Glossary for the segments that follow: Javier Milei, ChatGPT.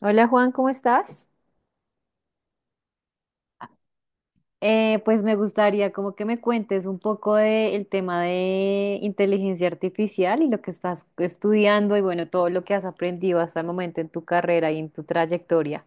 Hola Juan, ¿cómo estás? Pues me gustaría como que me cuentes un poco del tema de inteligencia artificial y lo que estás estudiando y bueno, todo lo que has aprendido hasta el momento en tu carrera y en tu trayectoria.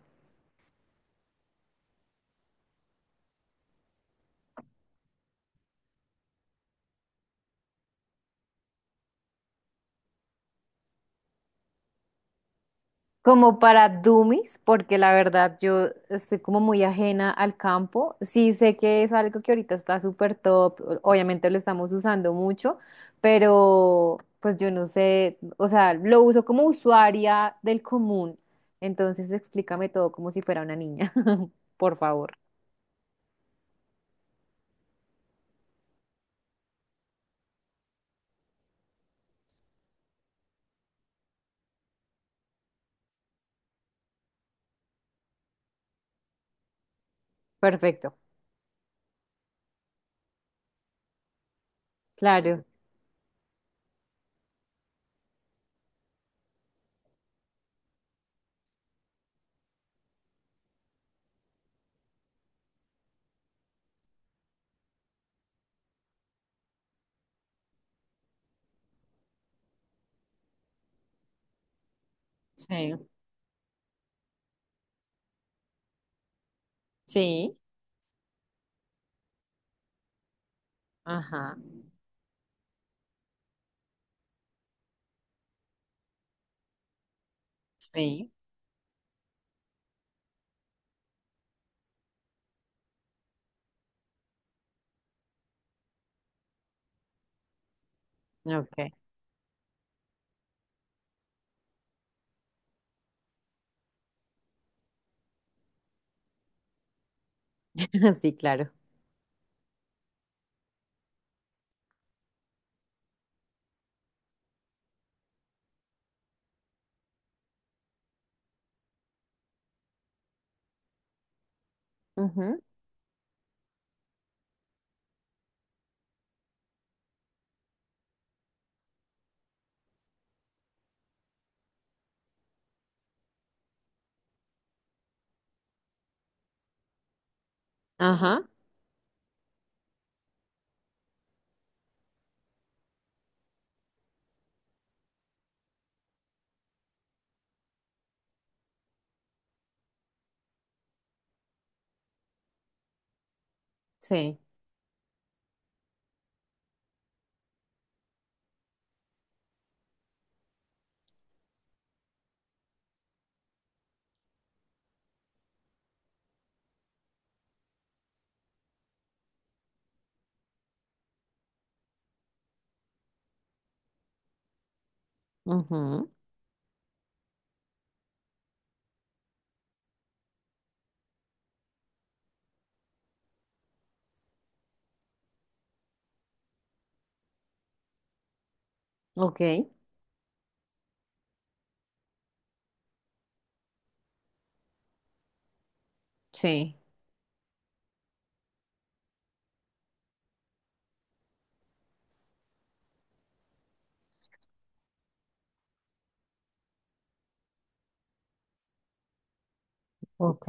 Como para dummies, porque la verdad yo estoy como muy ajena al campo. Sí sé que es algo que ahorita está súper top, obviamente lo estamos usando mucho, pero pues yo no sé, o sea, lo uso como usuaria del común. Entonces explícame todo como si fuera una niña, por favor. Perfecto, claro. Sí. Sí, ajá, sí, ok. Sí, claro. Ujú. Ajá. Sí, ujú. Ok, sí. Ok.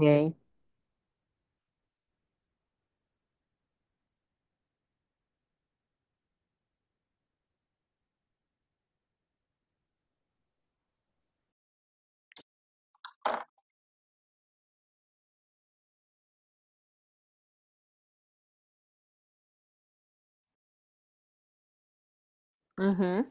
Ujú.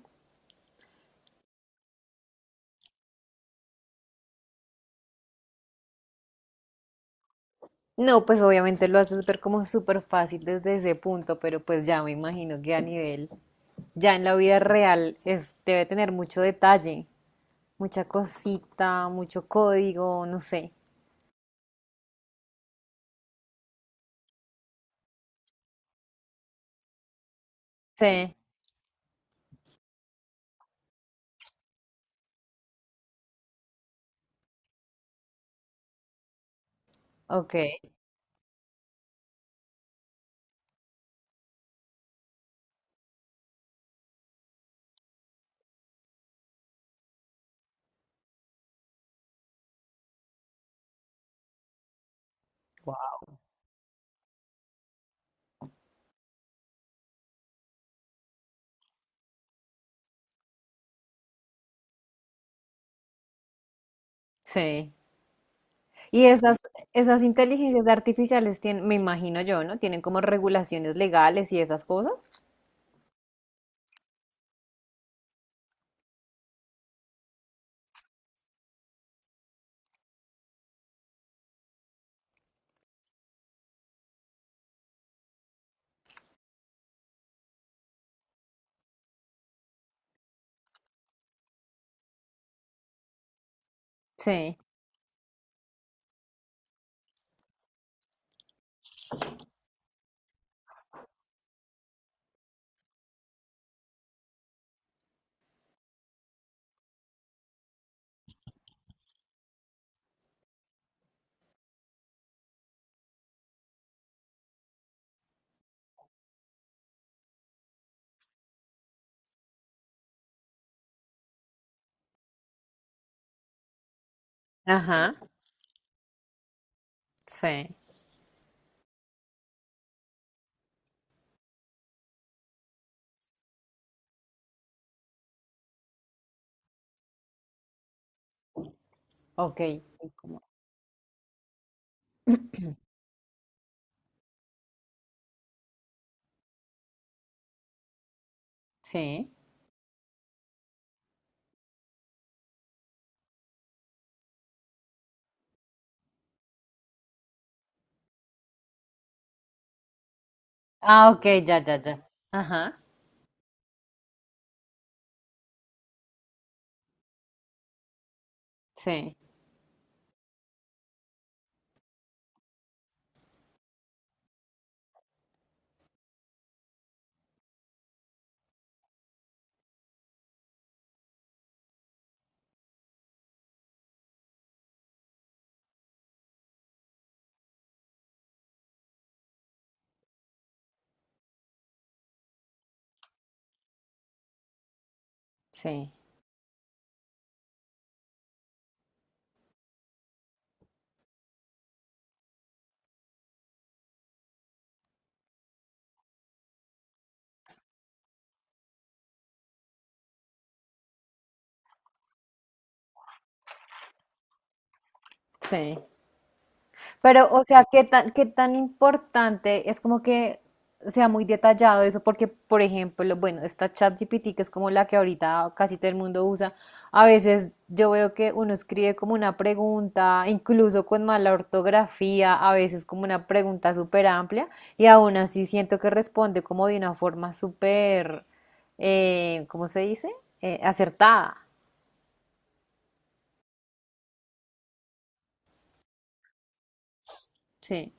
No, pues obviamente lo haces ver como súper fácil desde ese punto, pero pues ya me imagino que a nivel, ya en la vida real, es, debe tener mucho detalle, mucha cosita, mucho código, no sé. Sí, ok. Wow. Sí. Y esas, esas inteligencias artificiales tienen, me imagino yo, ¿no? Tienen como regulaciones legales y esas cosas. Sí. Ajá. Sí. Ok. Y como- sí. Ah, ok, ya, ya, ya. Ajá. Sí, sí, sí. Pero, o sea, ¿qué tan importante es como que sea muy detallado eso? Porque, por ejemplo, bueno, esta ChatGPT, que es como la que ahorita casi todo el mundo usa, a veces yo veo que uno escribe como una pregunta, incluso con mala ortografía, a veces como una pregunta súper amplia, y aún así siento que responde como de una forma súper, ¿cómo se dice? Acertada. Sí.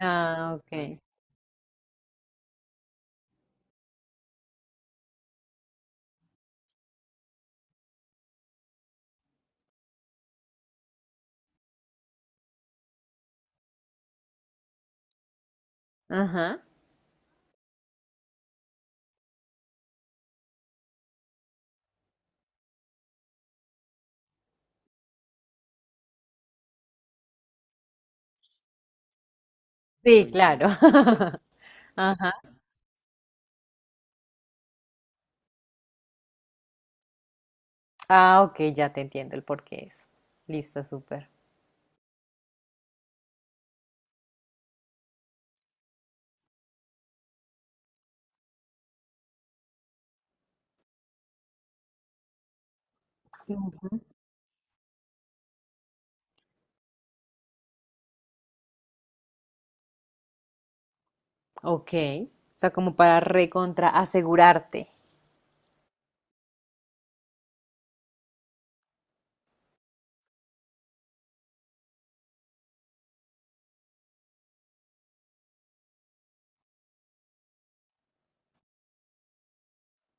Ah, ok. Ajá. Sí, claro. Ajá. Ah, ok, ya te entiendo el por qué eso. Listo, súper. Ujú. Ok. O sea, como para recontra asegurarte.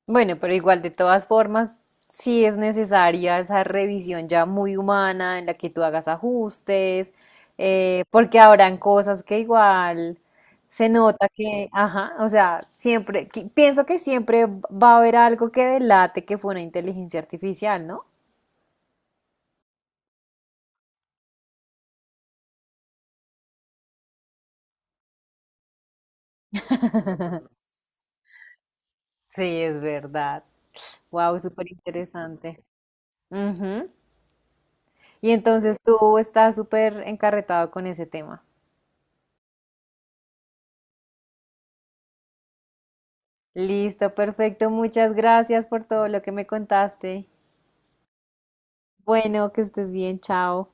Bueno, pero igual de todas formas, sí es necesaria esa revisión ya muy humana en la que tú hagas ajustes, porque habrán cosas que igual se nota que, ajá, o sea, siempre, pienso que siempre va a haber algo que delate que fue una inteligencia artificial, ¿no? Sí, es verdad. Wow, súper interesante. Ujú. Y entonces tú estás súper encarretado con ese tema. Listo, perfecto. Muchas gracias por todo lo que me contaste. Bueno, que estés bien. Chao.